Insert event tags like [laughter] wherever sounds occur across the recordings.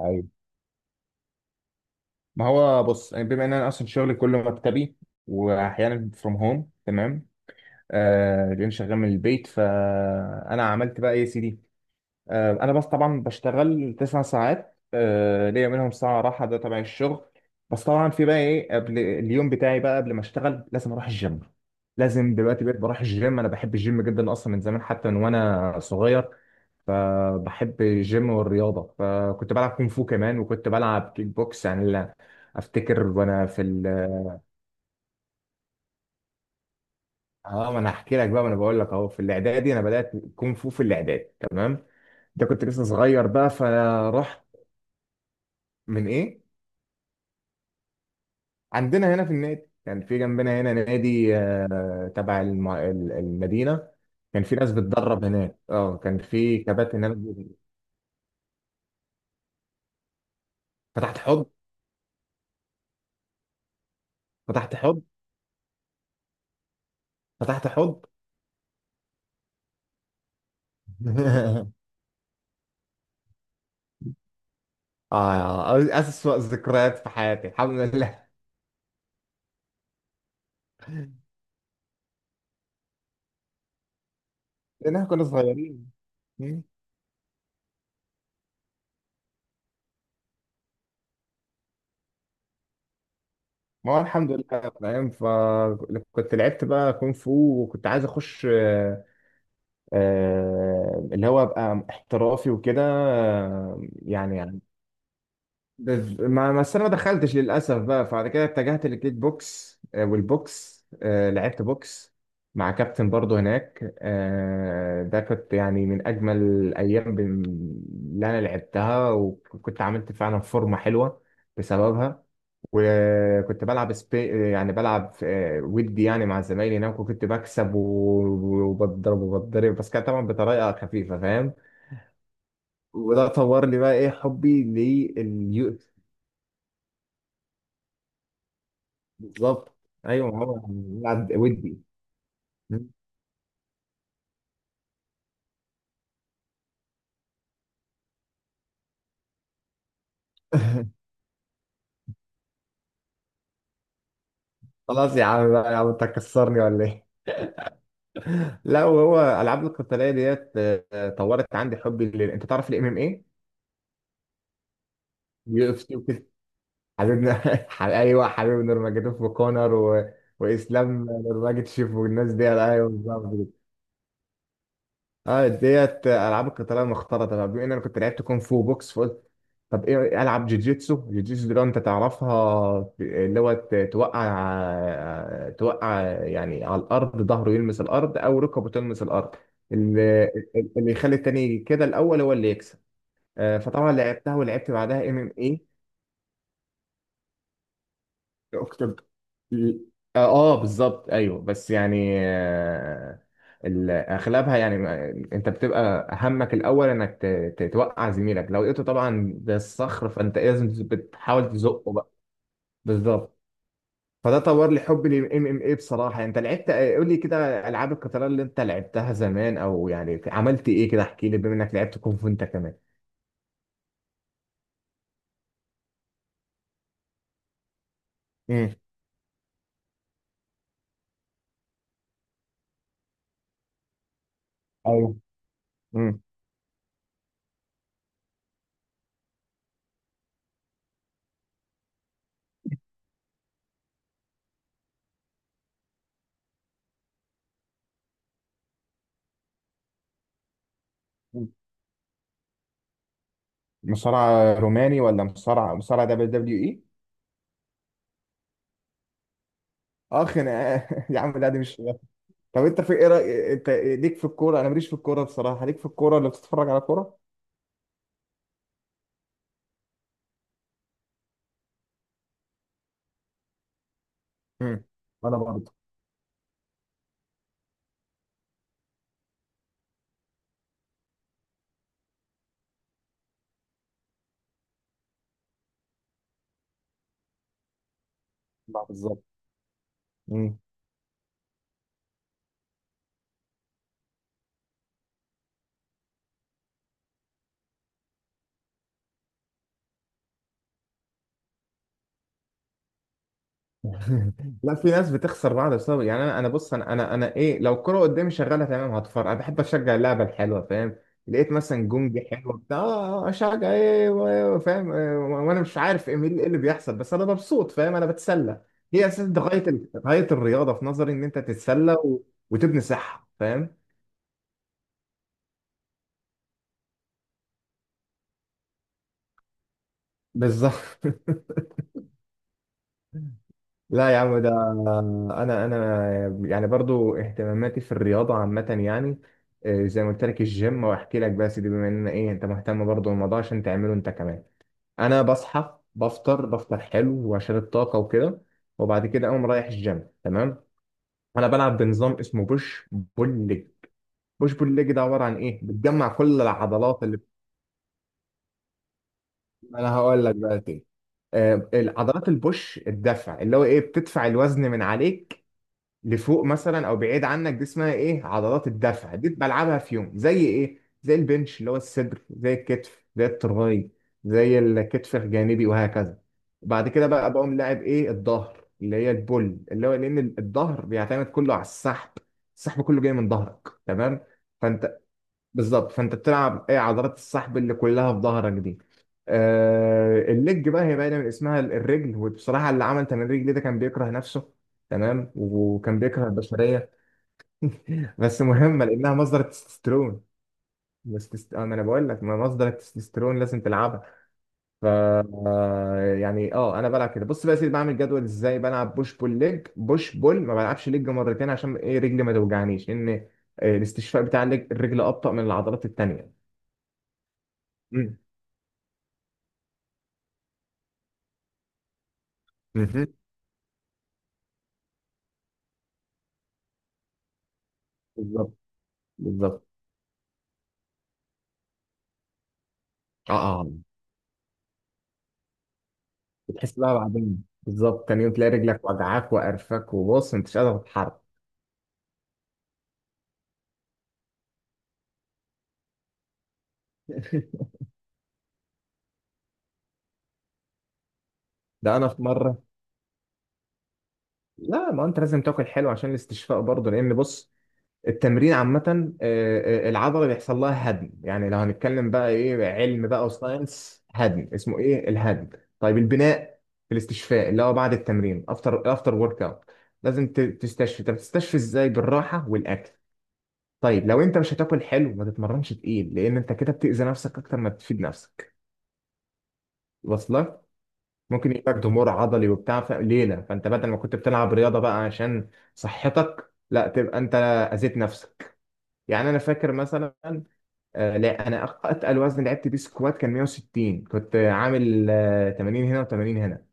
ايوه. ما هو بص، يعني بما ان انا اصلا شغلي كله مكتبي، واحيانا فروم هوم. تمام، لان شغال من البيت. فانا عملت بقى ايه يا سيدي؟ انا بس طبعا بشتغل 9 ساعات، ليا منهم ساعه راحه. ده تبع الشغل. بس طبعا في بقى ايه قبل اليوم بتاعي، بقى قبل ما اشتغل لازم اروح الجيم. دلوقتي بقيت بروح الجيم. انا بحب الجيم جدا اصلا من زمان، حتى من وانا صغير. فبحب الجيم والرياضة. فكنت بلعب كونغ فو كمان، وكنت بلعب كيك بوكس، لا افتكر وانا في اه، ما انا هحكي لك بقى. ما انا بقول لك اهو، في الاعدادي انا بدأت كونغ فو في الاعدادي. تمام، ده كنت لسه صغير بقى، فرحت من ايه؟ عندنا هنا في النادي، كان في جنبنا هنا نادي، تبع المدينة. كان في ناس بتدرب هناك، اه كان في كباتن هناك. فتحت حب، فتحت حب، فتحت حب. [laughs] اه اسوأ ذكريات في حياتي الحمد لله. لان احنا كنا صغيرين. مم. ما هو الحمد لله، فاهم؟ فكنت لعبت بقى كونغ فو، وكنت عايز اخش اللي هو ابقى احترافي وكده، بس انا ما دخلتش للاسف بقى. فبعد كده اتجهت للكيك بوكس والبوكس، لعبت بوكس مع كابتن برضه هناك. ده كنت يعني من اجمل الايام اللي انا لعبتها، وكنت عملت فعلا فورمه حلوه بسببها. وكنت بلعب سبي، يعني بلعب، ودي يعني مع زمايلي هناك، وكنت بكسب وبضرب وبضرب، بس كانت طبعا بطريقه خفيفه، فاهم؟ وده طور لي بقى ايه حبي. بالظبط. ايوه، ما هو قاعد ودي. [laughs] خلاص يا عم بقى، يا عم انت هتكسرني ولا ايه؟ لا، وهو العاب القتاليه ديت طورت عندي حبي لل... انت تعرف الام ام ايه؟ يو اف سي وكده، حبيبنا [laughs] ايوه، حبيب نورماجيتوف وكونر و... واسلام نورماجيتشيف والناس دي. ايوه بالظبط. اه، ديت العاب القتاليه المختلطه بقى. بما ان انا كنت لعبت كونغ فو بوكس، فقلت طب ايه العب جوجيتسو. جوجيتسو دي لو انت تعرفها، اللي هو توقع توقع يعني على الارض، ظهره يلمس الارض او ركبه تلمس الارض. اللي, اللي يخلي التاني كده الاول هو اللي يكسب. فطبعا لعبتها، ولعبت بعدها ام ام. اكتب. اه بالظبط. ايوه، بس يعني، اغلبها يعني انت بتبقى همك الاول انك توقع زميلك. لو لقيته طبعا بالصخر، فانت لازم بتحاول تزقه بقى. بالظبط. فده طور لي حبي للام ام اي. بصراحه انت لعبت، قول لي كده، العاب القتال اللي انت لعبتها زمان، او يعني عملت ايه كده، احكي لي بما انك لعبت كونغ فو انت كمان. امم. ايوه. امم. مصارع روماني، ولا مصارع مصارع دبليو دبليو اي؟ اه خناقات. [laughs] يا عم لا، دي مش خناقات. طب انت في ايه رأي، انت ليك في الكوره؟ انا ماليش في الكوره بصراحه. ليك في الكوره، اللي بتتفرج على كوره؟ امم. انا برضه. لا بالظبط. مم. [laughs] لا، في ناس بتخسر بعض بسبب، يعني انا بص، انا ايه، لو الكوره قدامي شغاله تمام هتفرج، انا بحب اشجع اللعبه الحلوه، فاهم؟ لقيت مثلا جونج حلو بتاع، اشجع ايه و- إيه، فاهم؟ وانا مش عارف ايه إيه اللي بيحصل، بس انا مبسوط، فاهم؟ انا بتسلى. هي اساس ده غايه غايه الرياضه في نظري، ان انت تتسلى و... وتبني صحه، فاهم؟ بالظبط. لا يا عم ده، انا يعني برضو اهتماماتي في الرياضه عامه يعني، زي ما قلت لك الجيم، واحكي لك بس دي بما ان ايه انت مهتم برضو بالموضوع عشان تعمله انت كمان. انا بصحى بفطر، بفطر حلو وعشان الطاقه وكده. وبعد كده اقوم رايح الجيم. تمام، انا بلعب بنظام اسمه بوش بول ليج. بوش بول ليج ده عباره عن ايه؟ بتجمع كل العضلات اللي انا هقول لك بقى ايه. العضلات البوش الدفع، اللي هو ايه بتدفع الوزن من عليك لفوق مثلا او بعيد عنك. دي اسمها ايه؟ عضلات الدفع. دي بلعبها في يوم زي ايه، زي البنش اللي هو الصدر، زي الكتف، زي التراي، زي الكتف الجانبي، وهكذا. بعد كده بقى بقوم لاعب ايه، الظهر اللي هي البول، اللي هو لان الظهر بيعتمد كله على السحب. السحب كله جاي من ظهرك. تمام، فانت بالظبط، فانت بتلعب ايه، عضلات السحب اللي كلها في ظهرك دي. آه، الليج بقى هي باينه من اسمها، الرجل. وبصراحه اللي عمل تمرين الرجل ده كان بيكره نفسه، تمام، وكان بيكره البشريه. بس مهمه لانها مصدر التستوستيرون. انا بقول لك ما مصدر التستوستيرون لازم تلعبها. ف آه، يعني اه انا بلعب كده. بص بقى يا سيدي، بعمل جدول ازاي، بلعب بوش بول ليج، بوش بول، ما بلعبش ليج مرتين عشان ايه، رجلي ما توجعنيش، لان الاستشفاء بتاع الرجل ابطأ من العضلات التانيه. مم. بالظبط. بالظبط. اه اه آه. بتحس بقى بعدين، بالظبط، تاني يوم تلاقي رجلك وجعاك وقرفك، وبص انت مش قادر تتحرك. [laughs] ده انا في مره، لا ما انت لازم تاكل حلو عشان الاستشفاء برضه. لان بص، التمرين عامه، العضله بيحصل لها هدم. يعني لو هنتكلم بقى ايه، علم بقى وساينس، هدم، اسمه ايه الهدم؟ طيب البناء، في الاستشفاء، اللي هو بعد التمرين، افتر افتر ورك اوت، لازم تستشفي. طب تستشفي ازاي؟ بالراحه والاكل. طيب لو انت مش هتاكل حلو ما تتمرنش تقيل، لان انت كده بتأذي نفسك اكتر ما بتفيد نفسك. واصلك ممكن يجيلك ضمور عضلي وبتاع في ليله. فانت بدل ما كنت بتلعب رياضه بقى عشان صحتك، لا تبقى انت اذيت نفسك. يعني انا فاكر مثلا، آه، لا انا اتقل وزن لعبت بيه سكوات كان 160، كنت عامل 80 هنا و80 هنا،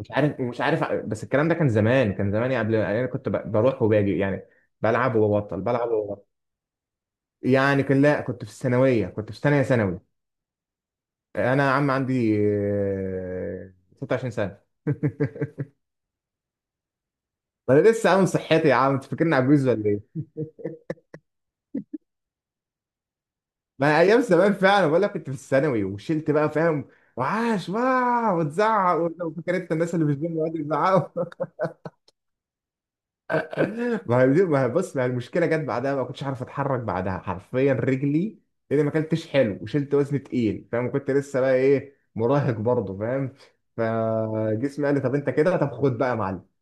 مش عارف مش عارف بس الكلام ده كان زمان، كان زمان، يعني قبل يعني انا كنت بروح وباجي، يعني بلعب وببطل، بلعب وببطل. يعني كان، لا كنت في الثانويه، كنت في ثانيه ثانوي. انا يا عم عندي 26 سنه. [laughs] انا لسه عامل صحتي يا عم، انت فاكرني عجوز ولا ايه؟ ما ايام زمان فعلا بقول لك كنت في الثانوي، وشلت بقى، فاهم؟ وعاش واو، وتزعق وفاكر انت الناس اللي في الجيم يقعدوا يزعقوا. [laughs] ما هي بص، ما هي المشكله جت بعدها، ما كنتش عارف اتحرك بعدها حرفيا، رجلي لاني ما اكلتش حلو وشلت وزن تقيل، فاهم؟ كنت لسه بقى ايه، مراهق برضه، فاهم؟ فجسمي قال لي طب انت كده، طب خد بقى يا معلم.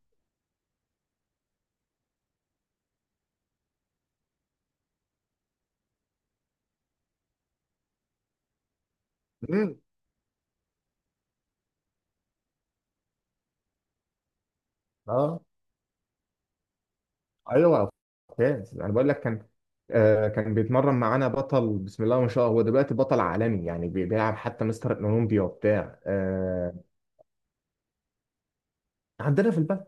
مم. اه. ايوه، ممتاز. انا بقول لك كان آه، كان بيتمرن معانا بطل، بسم الله ما شاء الله، هو دلوقتي بطل عالمي يعني، بيلعب حتى مستر اولمبيا وبتاع آه. عندنا في البلد.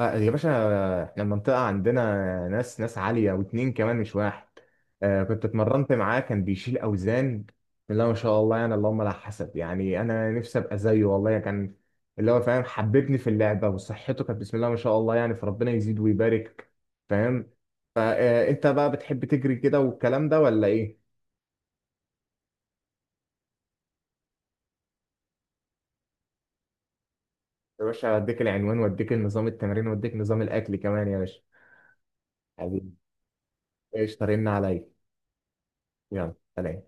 آه، يا باشا، احنا المنطقة عندنا ناس، ناس عالية، واتنين كمان مش واحد. آه، كنت اتمرنت معاه، كان بيشيل أوزان، لا ما شاء الله يعني، اللهم لا حسب، يعني أنا نفسي أبقى زيه والله. يعني كان اللي هو فاهم حببني في اللعبة، وصحته كانت بسم الله ما شاء الله يعني، فربنا يزيد ويبارك، فاهم؟ فأنت بقى بتحب تجري كده والكلام ده ولا إيه؟ يا باشا أديك العنوان، وأديك النظام التمرين، وأديك نظام الأكل كمان يا باشا. حبيبي، إيش طارينا عليا. يلا سلام.